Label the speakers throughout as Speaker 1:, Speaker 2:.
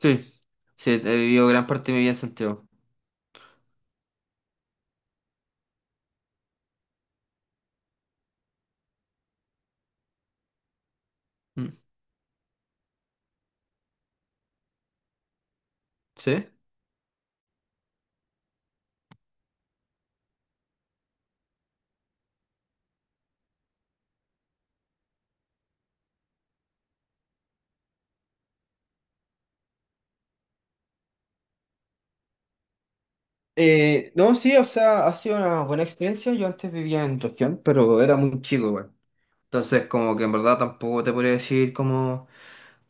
Speaker 1: Sí, sí, he vivido gran parte de mi vida en Santiago. Mm, ¿Sí? No, sí, o sea, ha sido una buena experiencia. Yo antes vivía en región, pero era muy chico, güey. Entonces, como que en verdad tampoco te podría decir como...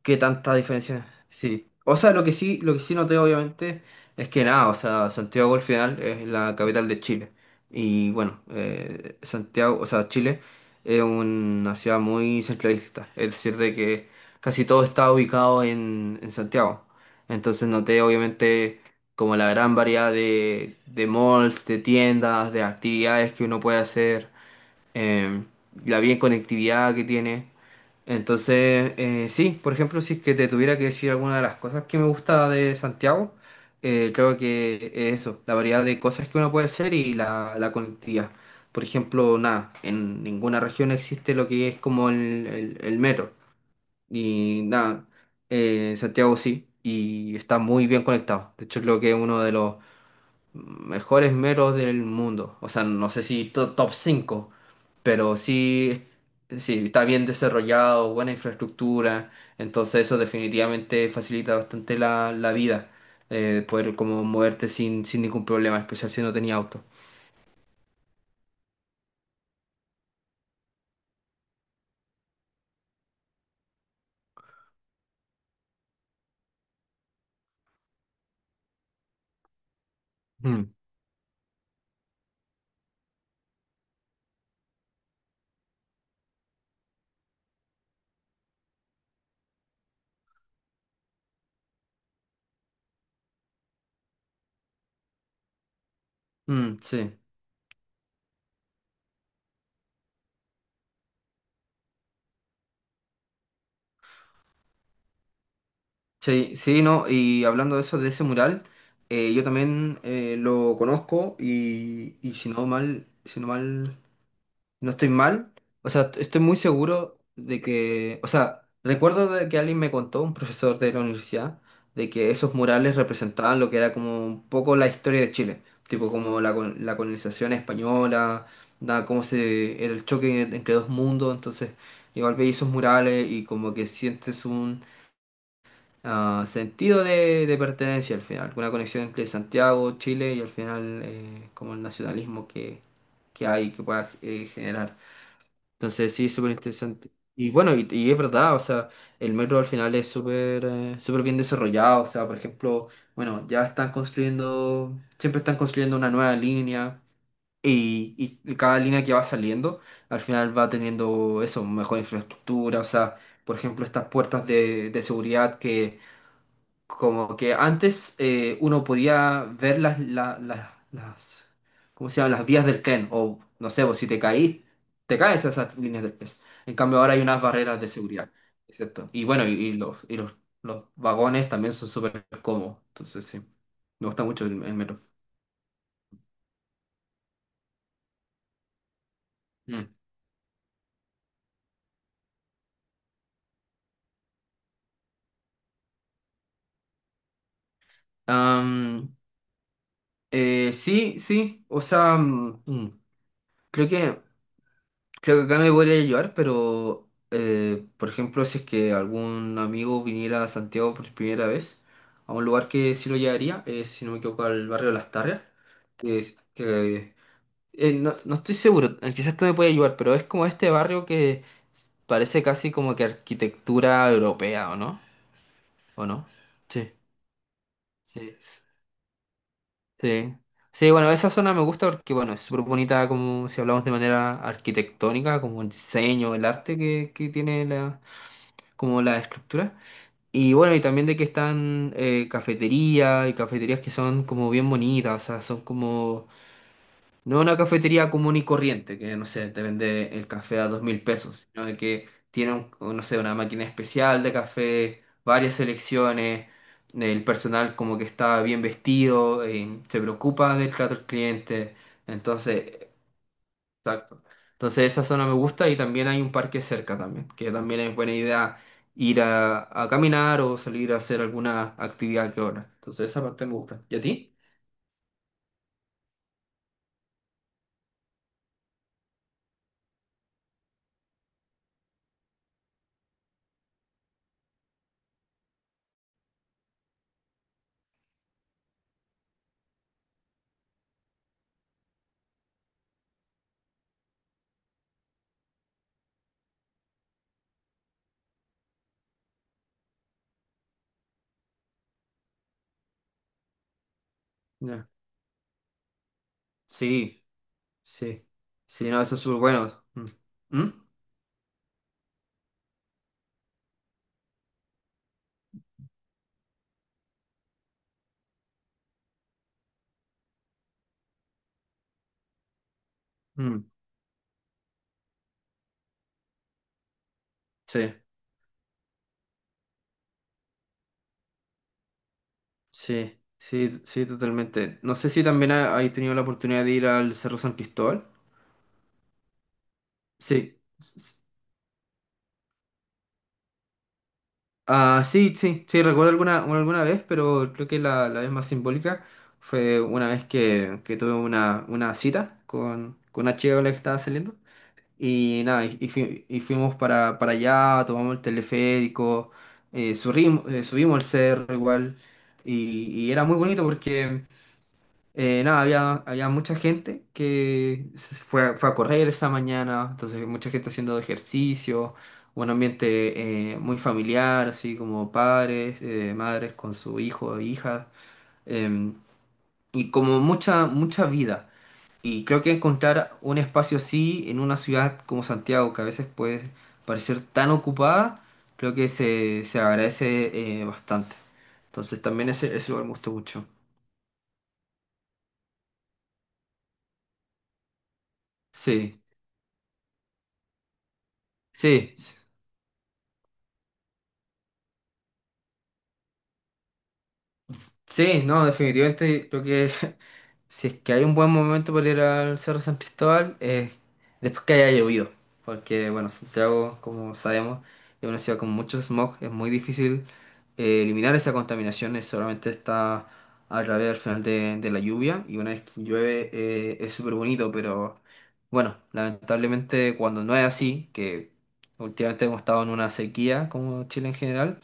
Speaker 1: ¿Qué tanta diferencia? Sí. O sea, lo que sí noté obviamente es que nada, o sea, Santiago al final es la capital de Chile. Y bueno, Santiago, o sea, Chile es una ciudad muy centralista. Es decir, de que casi todo está ubicado en Santiago. Entonces noté obviamente como la gran variedad de malls, de tiendas, de actividades que uno puede hacer eh, la bien conectividad que tiene. Entonces, sí, por ejemplo, si es que te tuviera que decir alguna de las cosas que me gusta de Santiago, creo que es eso, la variedad de cosas que uno puede hacer y la conectividad. Por ejemplo, nada, en ninguna región existe lo que es como el metro. Y nada, Santiago sí, y está muy bien conectado. De hecho, creo que es uno de los mejores meros del mundo. O sea, no sé si top 5, pero sí, sí, está bien desarrollado, buena infraestructura. Entonces eso definitivamente facilita bastante la vida. Poder como moverte sin ningún problema, en especial si no tenía auto. Mm. Mm, sí, sí, sí, no, y hablando de eso, de ese mural, yo también lo conozco y si no mal, si no mal. No estoy mal. O sea, estoy muy seguro de que, o sea, recuerdo de que alguien me contó, un profesor de la universidad, de que esos murales representaban lo que era como un poco la historia de Chile, tipo como la colonización española, da, cómo se, el choque entre dos mundos, entonces igual veis esos murales y como que sientes un ah, sentido de pertenencia al final, una conexión entre Santiago, Chile y al final como el nacionalismo que hay que pueda generar. Entonces sí, es súper interesante. Y bueno, y es verdad, o sea, el metro al final es súper súper bien desarrollado, o sea, por ejemplo, bueno, ya están construyendo, siempre están construyendo una nueva línea y, y cada línea que va saliendo al final va teniendo eso, mejor infraestructura, o sea, por ejemplo, estas puertas de seguridad como que antes uno podía ver las, ¿cómo se llaman? Las vías del tren. O no sé, pues, si te caís, te caes a esas líneas del tren. En cambio, ahora hay unas barreras de seguridad. ¿Cierto? Y bueno, y los vagones también son súper cómodos. Entonces, sí, me gusta mucho el metro. Mm. Am, sí, sí, o sea, creo que Creo que acá me podría ayudar, pero por ejemplo, si es que algún amigo viniera a Santiago por primera vez, a un lugar que sí lo llevaría, es, si no me equivoco, al barrio de Las Tarrias, que es que no, no estoy seguro, quizás tú me puedes ayudar, pero es como este barrio que parece casi como que arquitectura europea, ¿o no? ¿O no? Sí, sí, s- sí. Sí, bueno, esa zona me gusta porque, bueno, es súper bonita como si hablamos de manera arquitectónica, como el diseño, el arte que tiene la como la estructura. Y bueno, y también de que están cafeterías y cafeterías que son como bien bonitas, o sea, son como, no una cafetería común y corriente, que no sé, te vende el café a 2000 pesos, sino de que tienen, no sé, una máquina especial de café, varias selecciones, el personal como que está bien vestido, se preocupa del trato del cliente, entonces exacto. Entonces esa zona me gusta y también hay un parque cerca también, que también es buena idea ir a caminar o salir a hacer alguna actividad que otra. Entonces esa parte me gusta. ¿Y a ti? Ya. Sí, sí. Sí, no, eso es súper bueno. Mm. ¿Mm? Mm. Sí, sí, sí, sí, totalmente. No sé si también hay tenido la oportunidad de ir al Cerro San Cristóbal. Sí. Ah, sí, sí, sí, recuerdo alguna, alguna vez, pero creo que la vez más simbólica fue una vez que tuve una cita con una chica con la que estaba saliendo. Y nada, y fuimos para allá, tomamos el teleférico, subimos el cerro igual. Y era muy bonito porque nada, había mucha gente que se fue, fue a correr esa mañana, entonces mucha gente haciendo ejercicio, un ambiente muy familiar, así como padres, madres con su hijo e hija, em, y como mucha vida. Y creo que encontrar un espacio así en una ciudad como Santiago, que a veces puede parecer tan ocupada, creo que se agradece bastante. Entonces también ese lugar me gustó mucho. Sí, sí. Sí, no, definitivamente creo que si es que hay un buen momento para ir al Cerro San Cristóbal, es después que haya llovido, porque bueno, Santiago, como sabemos, es una ciudad con mucho smog, es muy difícil eliminar esa contaminación, solamente está a través al final de la lluvia, y una vez que llueve es súper bonito, pero bueno, lamentablemente cuando no es así, que últimamente hemos estado en una sequía como Chile en general,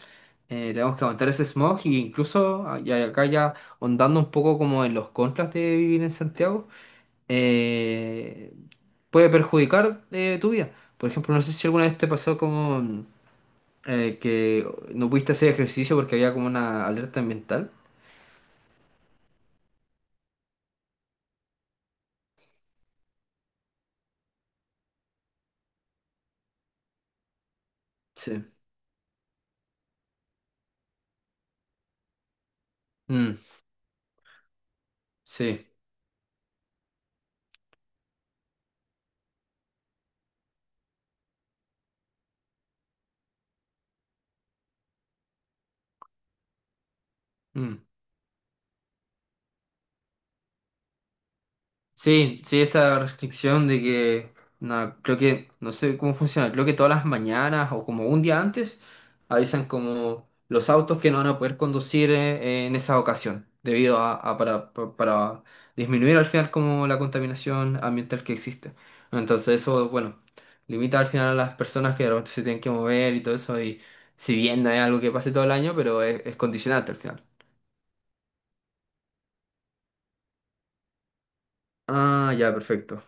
Speaker 1: tenemos que aguantar ese smog y incluso y acá ya ondando un poco como en los contras de vivir en Santiago, eh, puede perjudicar tu vida. Por ejemplo, no sé si alguna vez te pasó como que no pudiste hacer ejercicio porque había como una alerta ambiental. Sí. Mm, sí. Mm. Sí, sí, esa restricción de que, no, creo que, no sé cómo funciona, creo que todas las mañanas o como un día antes avisan como los autos que no van a poder conducir en esa ocasión, debido a para disminuir al final como la contaminación ambiental que existe. Entonces eso, bueno, limita al final a las personas que de repente se tienen que mover y todo eso, y si bien no es algo que pase todo el año, pero es condicionante al final. Ah, ya, perfecto,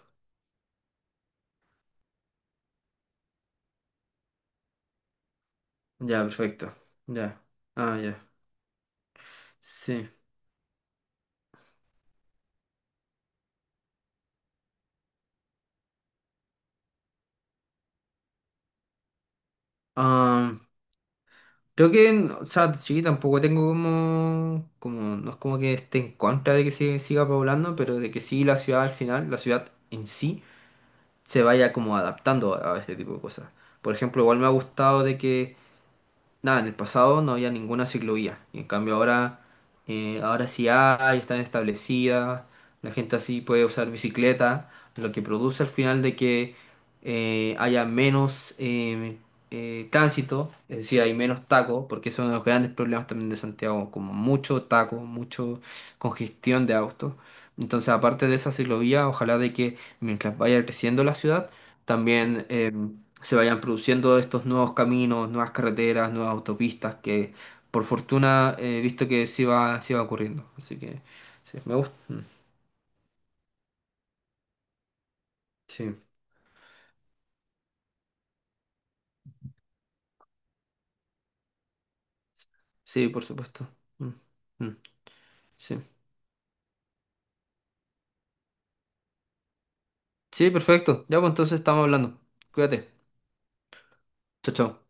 Speaker 1: ya, perfecto, ya, ah, ya. Sí. Ah, creo que, o sea, sí, tampoco tengo como, como, no es como que esté en contra de que se siga poblando, pero de que sí la ciudad al final, la ciudad en sí, se vaya como adaptando a este tipo de cosas. Por ejemplo, igual me ha gustado de que nada, en el pasado no había ninguna ciclovía. Y en cambio ahora, ahora sí hay, están establecidas, la gente así puede usar bicicleta, lo que produce al final de que haya menos tránsito, es decir, hay menos tacos, porque eso es uno de los grandes problemas también de Santiago, como mucho taco, mucho congestión de autos. Entonces, aparte de esa ciclovía, ojalá de que mientras vaya creciendo la ciudad, también se vayan produciendo estos nuevos caminos, nuevas carreteras, nuevas autopistas, que por fortuna he visto que sí va ocurriendo. Así que sí, me gusta. Sí, sí, por supuesto. Mm, mm, Sí. Sí, perfecto. Ya pues entonces estamos hablando. Cuídate. Chao, chao.